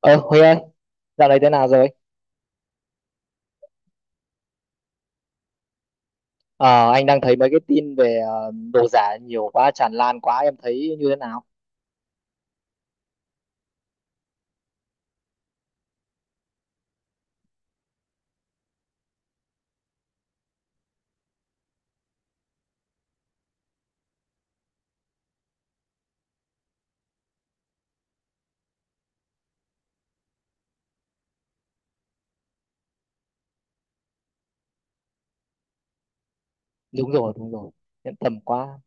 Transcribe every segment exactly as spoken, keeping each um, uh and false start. Ờ, Huy ơi, dạo này thế nào rồi? Ờ, anh đang thấy mấy cái tin về ờ, đồ giả nhiều quá, tràn lan quá, em thấy như thế nào? Đúng rồi, đúng rồi, em tầm quá.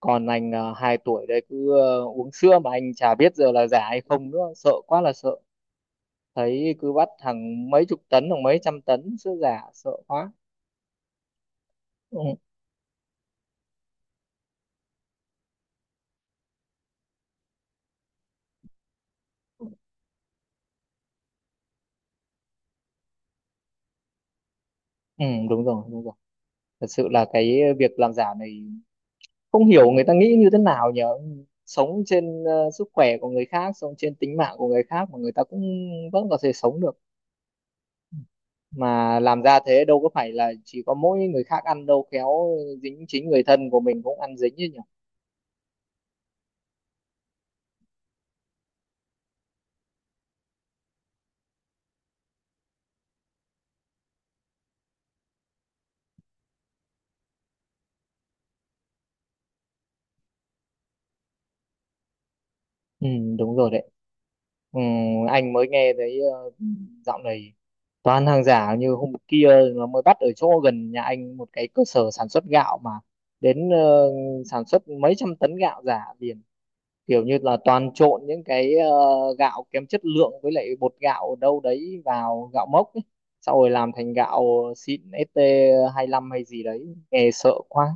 Còn anh uh, hai tuổi đây cứ ờ, uống sữa mà anh chả biết giờ là giả hay không nữa, sợ quá là sợ. Thấy cứ bắt hàng mấy chục tấn, hàng mấy trăm tấn sữa giả, sợ quá. Ừ, ừ, đúng rồi, đúng rồi. Thật sự là cái việc làm giả này, không hiểu người ta nghĩ như thế nào nhỉ? Sống trên ờ, sức khỏe của người khác, sống trên tính mạng của người khác mà người ta cũng vẫn có thể sống được. Mà làm ra thế, đâu có phải là chỉ có mỗi người khác ăn đâu, khéo dính chính người thân của mình cũng ăn dính chứ nhỉ. Ừ, đúng rồi đấy. Ừ, anh mới nghe thấy ờ, dạo này toàn hàng giả. Như hôm kia nó mới bắt ở chỗ gần nhà anh một cái cơ sở sản xuất gạo, mà đến ờ, sản xuất mấy trăm tấn gạo giả liền, kiểu như là toàn trộn những cái ờ, gạo kém chất lượng với lại bột gạo đâu đấy vào gạo mốc ấy. Sau rồi làm thành gạo xịn, st lăm hay gì đấy, nghe sợ quá.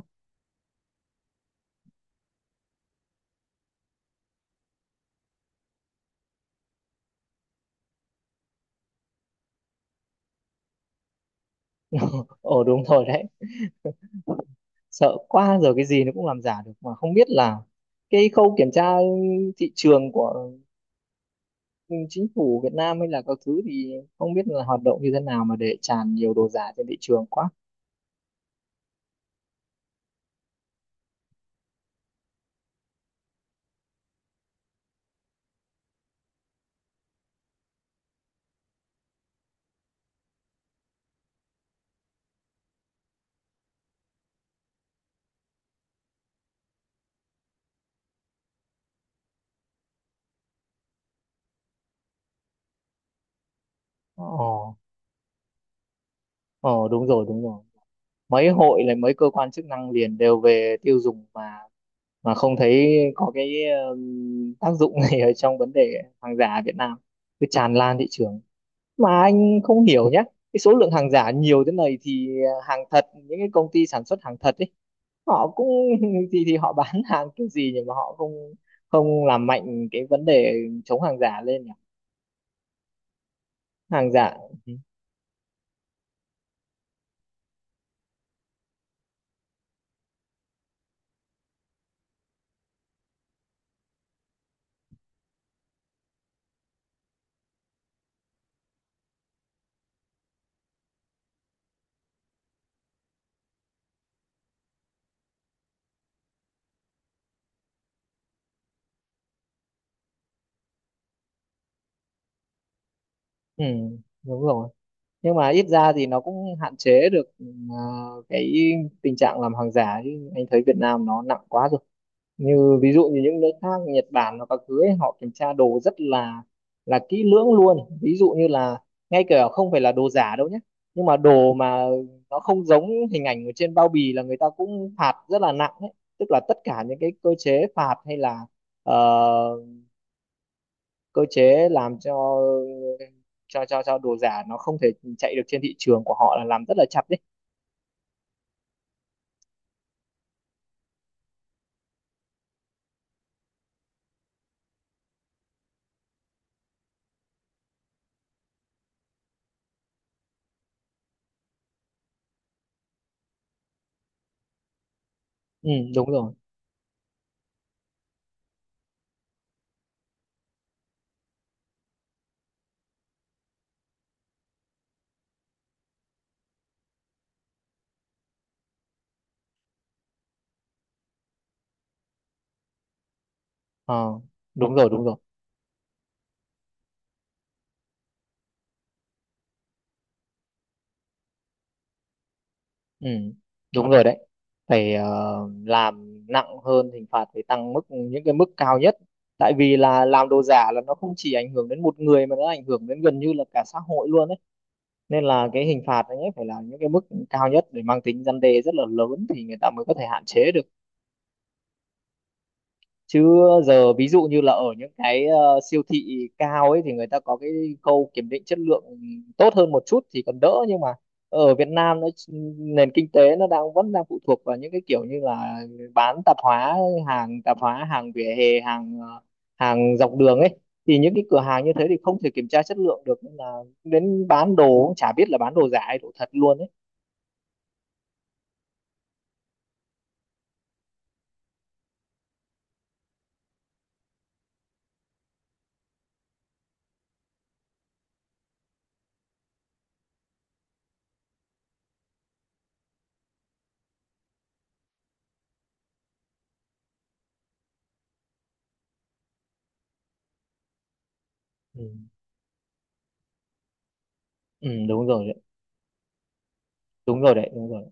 ờ Đúng rồi đấy. Sợ quá, giờ cái gì nó cũng làm giả được, mà không biết là cái khâu kiểm tra thị trường của chính phủ Việt Nam hay là các thứ thì không biết là hoạt động như thế nào mà để tràn nhiều đồ giả trên thị trường quá. Ờ, ờ, đúng rồi, đúng rồi. Mấy hội là mấy cơ quan chức năng liền đều về tiêu dùng, mà mà không thấy có cái ừm, tác dụng này ở trong vấn đề hàng giả ở Việt Nam, cứ tràn lan thị trường. Mà anh không hiểu nhé, cái số lượng hàng giả nhiều thế này thì hàng thật, những cái công ty sản xuất hàng thật ấy, họ cũng thì thì họ bán hàng kiểu gì, nhưng mà họ không không làm mạnh cái vấn đề chống hàng giả lên nhỉ. Hàng giả. Ừ, đúng rồi. Nhưng mà ít ra thì nó cũng hạn chế được ờ, cái tình trạng làm hàng giả chứ. Anh thấy Việt Nam nó nặng quá rồi, như ví dụ như những nước khác Nhật Bản hoặc các thứ ấy, họ kiểm tra đồ rất là là kỹ lưỡng luôn. Ví dụ như là ngay cả không phải là đồ giả đâu nhé, nhưng mà đồ mà nó không giống hình ảnh ở trên bao bì là người ta cũng phạt rất là nặng ấy. Tức là tất cả những cái cơ chế phạt hay là ờ, cơ chế làm cho cho cho cho đồ giả nó không thể chạy được trên thị trường của họ, là làm rất là chặt đấy. Ừ, đúng rồi. Ờ, đúng rồi, đúng rồi. Ừ, đúng rồi đấy. Phải ờ, làm nặng hơn, hình phạt phải tăng mức, những cái mức cao nhất. Tại vì là làm đồ giả là nó không chỉ ảnh hưởng đến một người mà nó ảnh hưởng đến gần như là cả xã hội luôn đấy. Nên là cái hình phạt ấy phải là những cái mức cao nhất để mang tính răn đe rất là lớn thì người ta mới có thể hạn chế được. Chứ giờ ví dụ như là ở những cái ờ, siêu thị cao ấy thì người ta có cái khâu kiểm định chất lượng tốt hơn một chút thì còn đỡ. Nhưng mà ở Việt Nam nó, nền kinh tế nó đang vẫn đang phụ thuộc vào những cái kiểu như là bán tạp hóa, hàng tạp hóa, hàng vỉa hè, hàng ờ, hàng dọc đường ấy, thì những cái cửa hàng như thế thì không thể kiểm tra chất lượng được, nên là đến bán đồ cũng chả biết là bán đồ giả hay đồ thật luôn ấy. Ừ, ừ, đúng rồi đấy. Đúng rồi đấy, đúng rồi,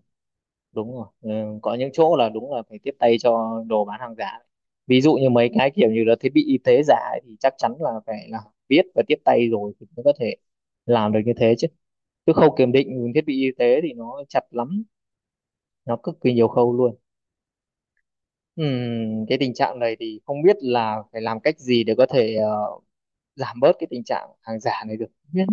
đúng rồi. Ừ, có những chỗ là đúng là phải tiếp tay cho đồ bán hàng giả. Ví dụ như mấy cái kiểu như là thiết bị y tế giả ấy, thì chắc chắn là phải là biết và tiếp tay rồi thì mới có thể làm được như thế chứ. Chứ khâu kiểm định thiết bị y tế thì nó chặt lắm, nó cực kỳ nhiều khâu luôn. Ừm, cái tình trạng này thì không biết là phải làm cách gì để có thể ờ, giảm bớt cái tình trạng hàng giả này được. Không biết.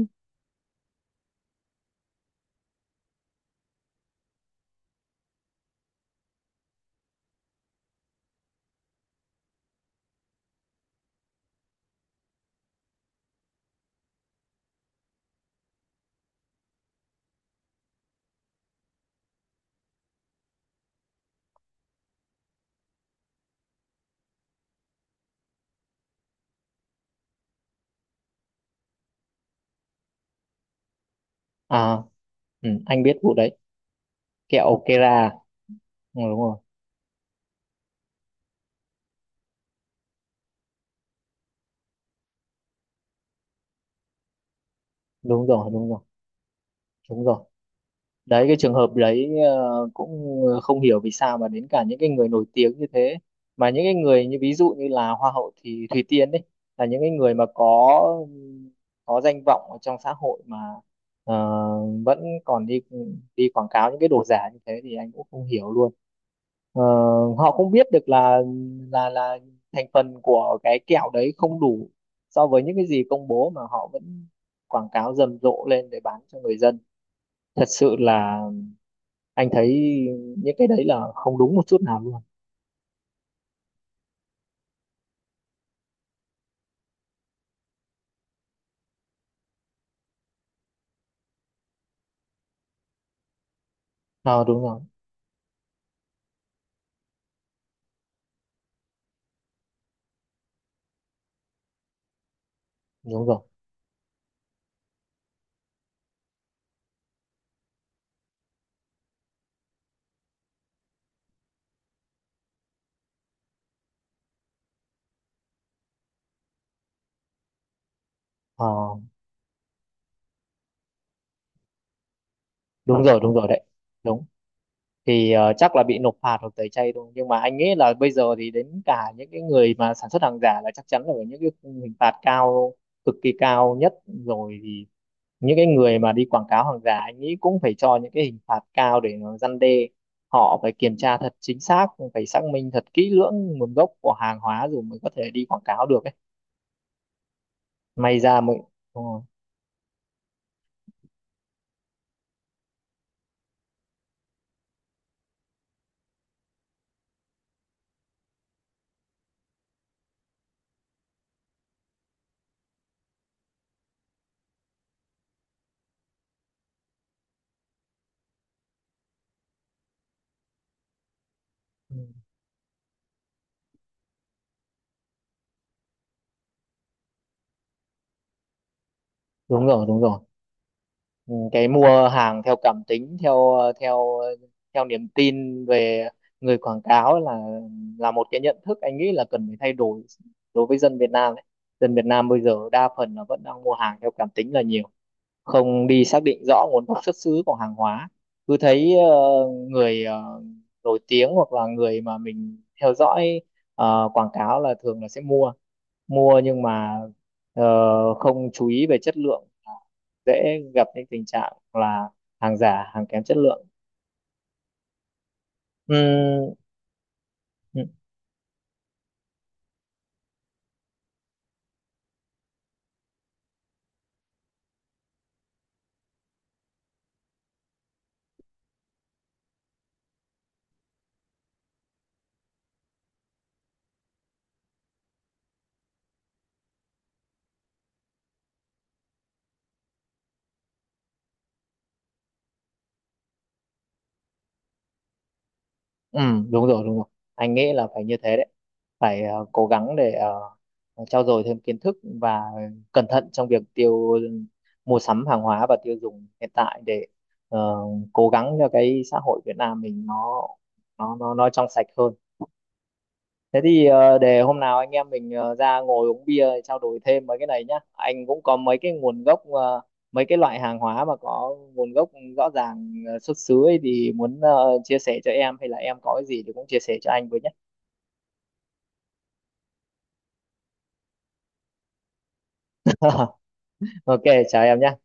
À, ừ, anh biết vụ đấy, kẹo Kera. Ừ, đúng rồi, đúng rồi. Đúng rồi, đúng rồi đấy. Cái trường hợp đấy ờ, cũng ờ, không hiểu vì sao mà đến cả những cái người nổi tiếng như thế. Mà những cái người như ví dụ như là hoa hậu thì Thùy Tiên đấy, là những cái người mà có có danh vọng ở trong xã hội mà ờ, vẫn còn đi đi quảng cáo những cái đồ giả như thế, thì anh cũng không hiểu luôn. Ờ, họ không biết được là là là thành phần của cái kẹo đấy không đủ so với những cái gì công bố, mà họ vẫn quảng cáo rầm rộ lên để bán cho người dân. Thật sự là anh thấy những cái đấy là không đúng một chút nào luôn. Ờ, đúng rồi, đúng rồi. Ờ, đúng rồi, đúng rồi đấy. Đúng. Thì ờ, chắc là bị nộp phạt hoặc tẩy chay thôi, nhưng mà anh nghĩ là bây giờ thì đến cả những cái người mà sản xuất hàng giả là chắc chắn là phải những cái khung hình phạt cao, cực kỳ cao nhất rồi. Thì những cái người mà đi quảng cáo hàng giả, anh nghĩ cũng phải cho những cái hình phạt cao để nó răn đe. Họ phải kiểm tra thật chính xác, phải xác minh thật kỹ lưỡng nguồn gốc của hàng hóa rồi mới có thể đi quảng cáo được ấy. May ra mới đúng rồi. Ừ, đúng rồi, đúng rồi. Ừ, cái mua hàng theo cảm tính, theo theo theo niềm tin về người quảng cáo là là một cái nhận thức anh nghĩ là cần phải thay đổi đối với dân Việt Nam đấy. Dân Việt Nam bây giờ đa phần là vẫn đang mua hàng theo cảm tính là nhiều, không đi xác định rõ nguồn gốc xuất xứ của hàng hóa. Cứ thấy ờ, người ờ, nổi tiếng hoặc là người mà mình theo dõi ờ, quảng cáo là thường là sẽ mua mua. Nhưng mà ờ, không chú ý về chất lượng, dễ gặp những tình trạng là hàng giả, hàng kém chất lượng. Ừ, ừ, ừ, đúng rồi, đúng rồi. Anh nghĩ là phải như thế đấy, phải ờ, cố gắng để ờ, trau dồi thêm kiến thức và cẩn thận trong việc tiêu mua sắm hàng hóa và tiêu dùng hiện tại, để ờ, cố gắng cho cái xã hội Việt Nam mình nó nó nó nó trong sạch hơn. Thế thì ờ, để hôm nào anh em mình ờ, ra ngồi uống bia trao đổi thêm mấy cái này nhá. Anh cũng có mấy cái nguồn gốc ờ, mấy cái loại hàng hóa mà có nguồn gốc rõ ràng ờ, xuất xứ ấy, thì muốn ờ, chia sẻ cho em, hay là em có cái gì thì cũng chia sẻ cho anh với nhé. Ok, chào em nhé.